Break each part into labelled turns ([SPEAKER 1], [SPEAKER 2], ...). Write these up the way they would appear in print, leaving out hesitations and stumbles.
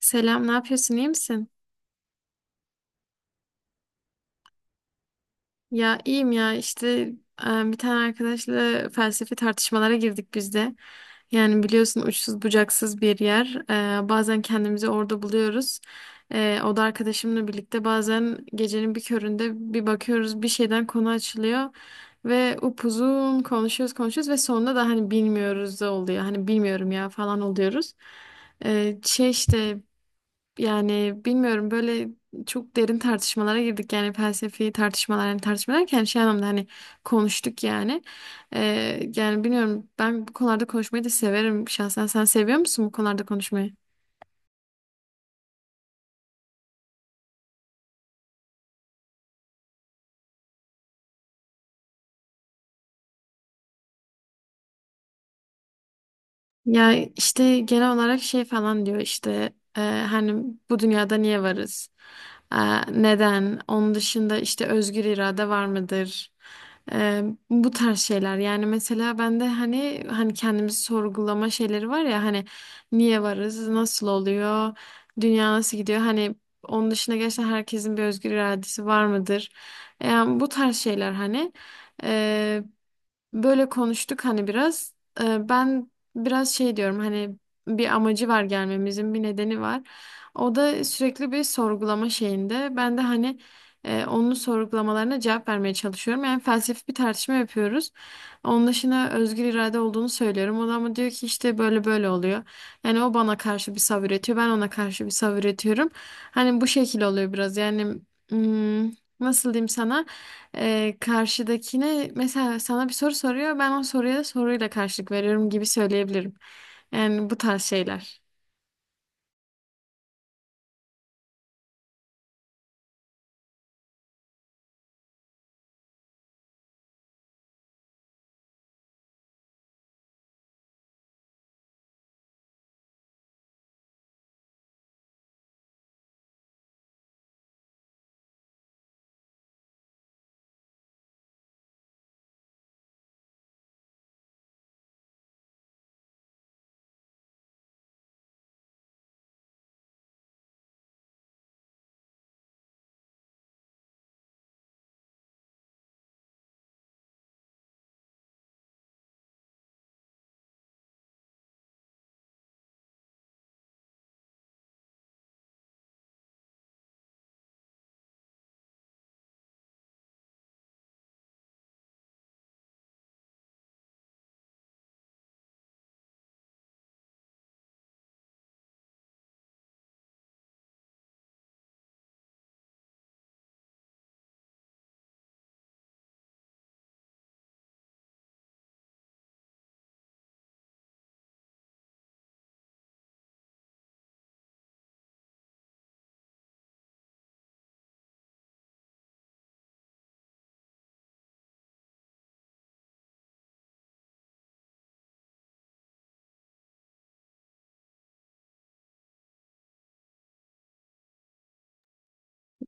[SPEAKER 1] Selam, ne yapıyorsun? İyi misin? Ya iyiyim ya işte, bir tane arkadaşla felsefi tartışmalara girdik biz de. Yani biliyorsun uçsuz bucaksız bir yer. Bazen kendimizi orada buluyoruz. O da arkadaşımla birlikte bazen gecenin bir köründe bir bakıyoruz bir şeyden konu açılıyor. Ve upuzun konuşuyoruz konuşuyoruz ve sonunda da hani bilmiyoruz da oluyor. Hani bilmiyorum ya falan oluyoruz. Şey işte. Yani bilmiyorum, böyle çok derin tartışmalara girdik, yani felsefi tartışmalar, yani tartışma derken şey anlamda hani konuştuk yani. Yani bilmiyorum, ben bu konularda konuşmayı da severim şahsen. Sen seviyor musun bu konularda konuşmayı? Ya işte genel olarak şey falan diyor işte, hani bu dünyada niye varız? E, Neden? Onun dışında işte özgür irade var mıdır? E, Bu tarz şeyler. Yani mesela ben de hani kendimizi sorgulama şeyleri var ya hani niye varız? Nasıl oluyor? Dünya nasıl gidiyor? Hani onun dışında gerçekten herkesin bir özgür iradesi var mıdır? Yani bu tarz şeyler hani. E, Böyle konuştuk hani biraz. Ben biraz şey diyorum, hani bir amacı var, gelmemizin bir nedeni var. O da sürekli bir sorgulama şeyinde. Ben de hani onun sorgulamalarına cevap vermeye çalışıyorum. Yani felsefi bir tartışma yapıyoruz. Onun dışında özgür irade olduğunu söylüyorum. O da ama diyor ki işte böyle böyle oluyor. Yani o bana karşı bir sav üretiyor. Ben ona karşı bir sav üretiyorum. Hani bu şekil oluyor biraz. Yani, hmm, nasıl diyeyim sana? Karşıdakine, mesela sana bir soru soruyor, ben o soruya da soruyla karşılık veriyorum gibi söyleyebilirim. Yani bu tarz şeyler.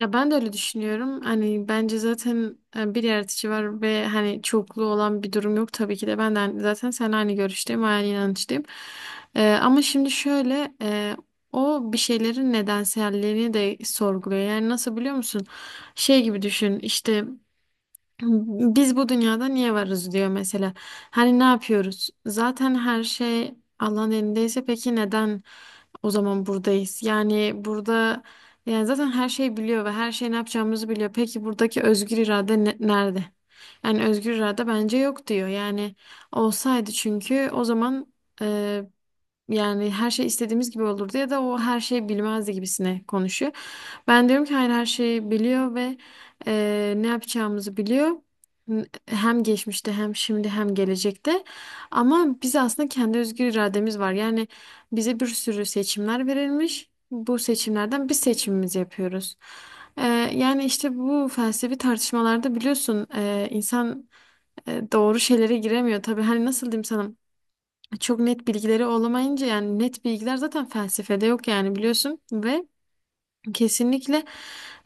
[SPEAKER 1] Ya ben de öyle düşünüyorum. Hani bence zaten bir yaratıcı var ve hani çoklu olan bir durum yok tabii ki de. Ben de zaten sen aynı görüşteyim, aynı inançtayım. Ama şimdi şöyle, o bir şeylerin nedenselliğini de sorguluyor. Yani nasıl, biliyor musun? Şey gibi düşün işte. Biz bu dünyada niye varız diyor mesela. Hani ne yapıyoruz? Zaten her şey Allah'ın elindeyse peki neden o zaman buradayız? Yani burada, yani zaten her şey biliyor ve her şey ne yapacağımızı biliyor. Peki buradaki özgür irade nerede? Yani özgür irade bence yok diyor. Yani olsaydı çünkü o zaman yani her şey istediğimiz gibi olurdu ya da o her şeyi bilmezdi gibisine konuşuyor. Ben diyorum ki hayır, her şeyi biliyor ve ne yapacağımızı biliyor. Hem geçmişte hem şimdi hem gelecekte. Ama biz aslında kendi özgür irademiz var. Yani bize bir sürü seçimler verilmiş. Bu seçimlerden biz seçimimizi yapıyoruz. Eee, Yani işte bu felsefi tartışmalarda biliyorsun insan doğru şeylere giremiyor. Tabii hani, nasıl diyeyim sana? Çok net bilgileri olamayınca, yani net bilgiler zaten felsefede yok yani, biliyorsun ve kesinlikle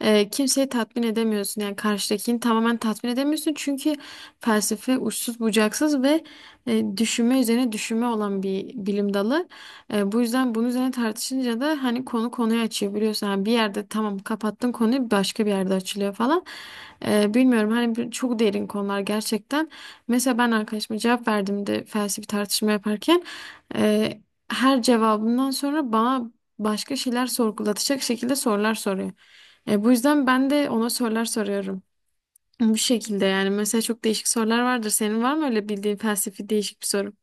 [SPEAKER 1] kimseyi tatmin edemiyorsun, yani karşıdakini tamamen tatmin edemiyorsun çünkü felsefe uçsuz bucaksız ve düşünme üzerine düşünme olan bir bilim dalı. Bu yüzden bunun üzerine tartışınca da hani konu konuyu açıyor biliyorsun. Yani bir yerde tamam kapattın konuyu, başka bir yerde açılıyor falan. Bilmiyorum hani, çok derin konular gerçekten. Mesela ben arkadaşıma cevap verdiğimde felsefi tartışma yaparken e, her cevabından sonra bana başka şeyler sorgulatacak şekilde sorular soruyor. Bu yüzden ben de ona sorular soruyorum. Bu şekilde, yani mesela çok değişik sorular vardır. Senin var mı öyle bildiğin felsefi değişik bir soru?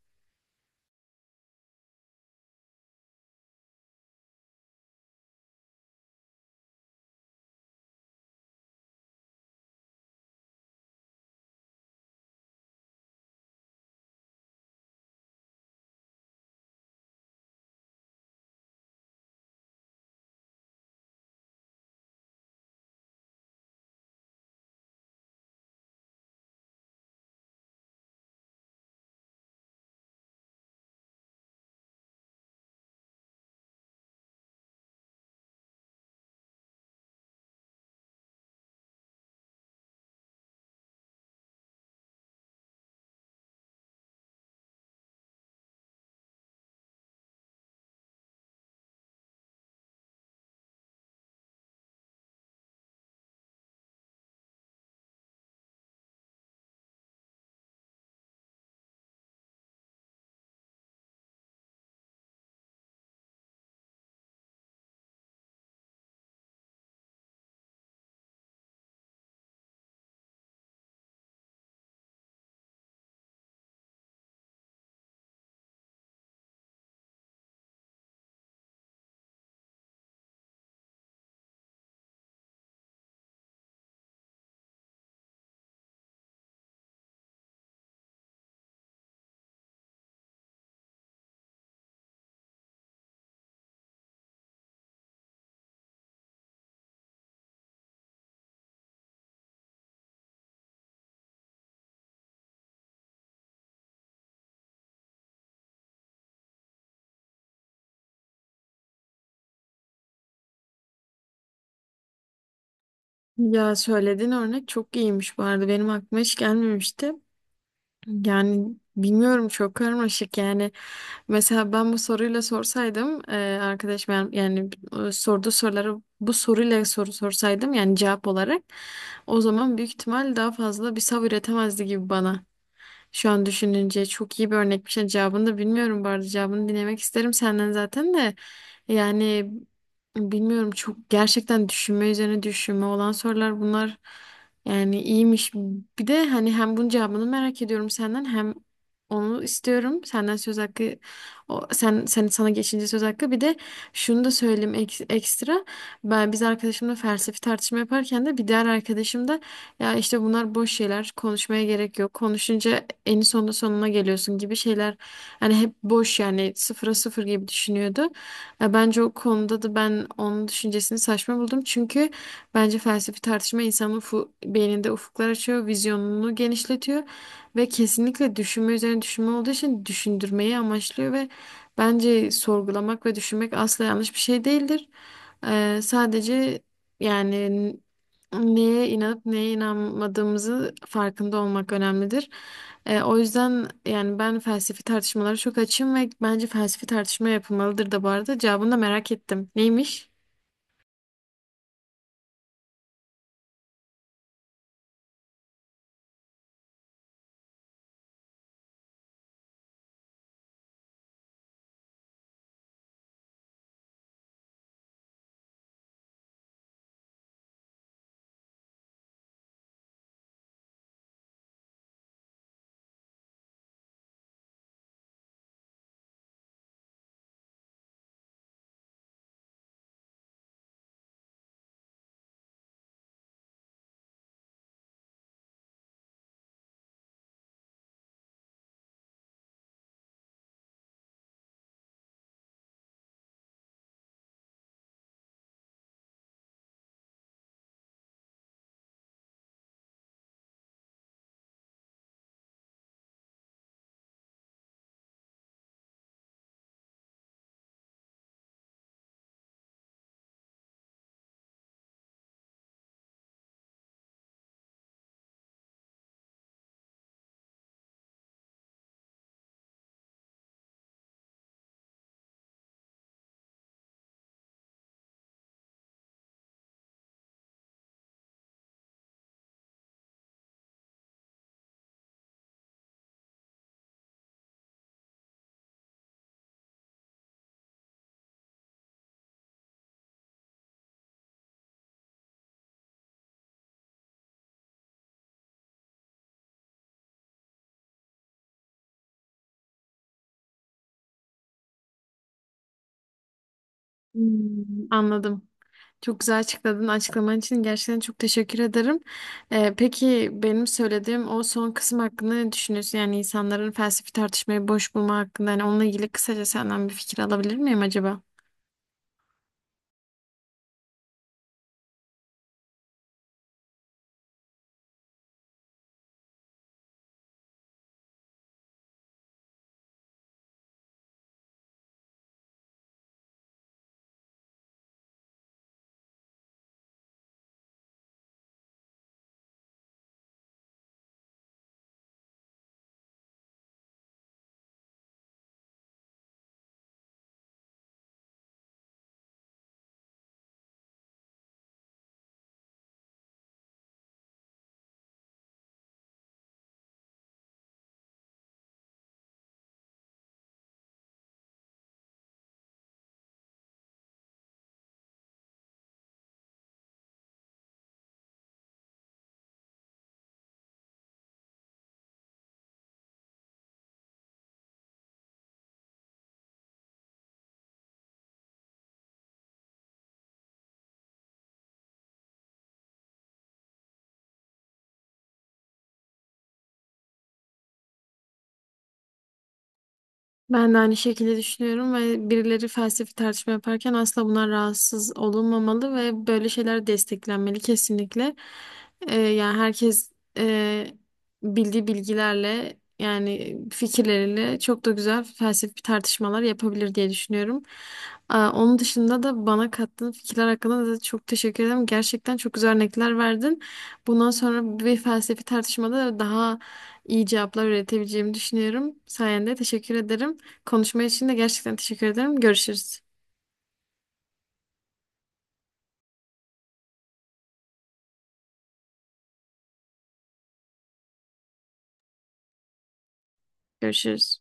[SPEAKER 1] Ya söylediğin örnek çok iyiymiş bu arada. Benim aklıma hiç gelmemişti. Yani bilmiyorum, çok karmaşık yani. Mesela ben bu soruyla sorsaydım, arkadaşım, yani sorduğu soruları bu soruyla soru sorsaydım yani cevap olarak, o zaman büyük ihtimal daha fazla bir sav üretemezdi gibi bana. Şu an düşününce çok iyi bir örnekmiş. Yani cevabını da bilmiyorum bu arada. Cevabını dinlemek isterim senden zaten de. Yani bilmiyorum, çok gerçekten düşünme üzerine düşünme olan sorular bunlar. Yani iyiymiş. Bir de hani hem bunun cevabını merak ediyorum senden hem onu istiyorum. Senden söz hakkı, sen sana geçince söz hakkı. Bir de şunu da söyleyeyim, ekstra. Biz arkadaşımla felsefi tartışma yaparken de bir diğer arkadaşım da ya işte bunlar boş şeyler, konuşmaya gerek yok, konuşunca en sonunda sonuna geliyorsun gibi şeyler. Hani hep boş, yani sıfıra sıfır gibi düşünüyordu. Ya bence o konuda da ben onun düşüncesini saçma buldum. Çünkü bence felsefi tartışma insanın beyninde ufuklar açıyor, vizyonunu genişletiyor ve kesinlikle düşünme üzerine düşünme olduğu için düşündürmeyi amaçlıyor ve bence sorgulamak ve düşünmek asla yanlış bir şey değildir. Sadece yani neye inanıp neye inanmadığımızı farkında olmak önemlidir. O yüzden yani ben felsefi tartışmalara çok açığım ve bence felsefi tartışma yapılmalıdır da bu arada. Cevabını da merak ettim. Neymiş? Hmm, anladım. Çok güzel açıkladın. Açıklaman için gerçekten çok teşekkür ederim. Peki benim söylediğim o son kısım hakkında ne düşünüyorsun? Yani insanların felsefi tartışmayı boş bulma hakkında. Yani onunla ilgili kısaca senden bir fikir alabilir miyim acaba? Ben de aynı şekilde düşünüyorum ve birileri felsefi tartışma yaparken asla bunlar rahatsız olunmamalı ve böyle şeyler desteklenmeli kesinlikle. Yani herkes e, bildiği bilgilerle yani fikirleriyle çok da güzel felsefi tartışmalar yapabilir diye düşünüyorum. Aa, onun dışında da bana kattığın fikirler hakkında da çok teşekkür ederim. Gerçekten çok güzel örnekler verdin. Bundan sonra bir felsefi tartışmada daha iyi cevaplar üretebileceğimi düşünüyorum. Sayende, teşekkür ederim. Konuşma için de gerçekten teşekkür ederim. Görüşürüz. Görüşürüz.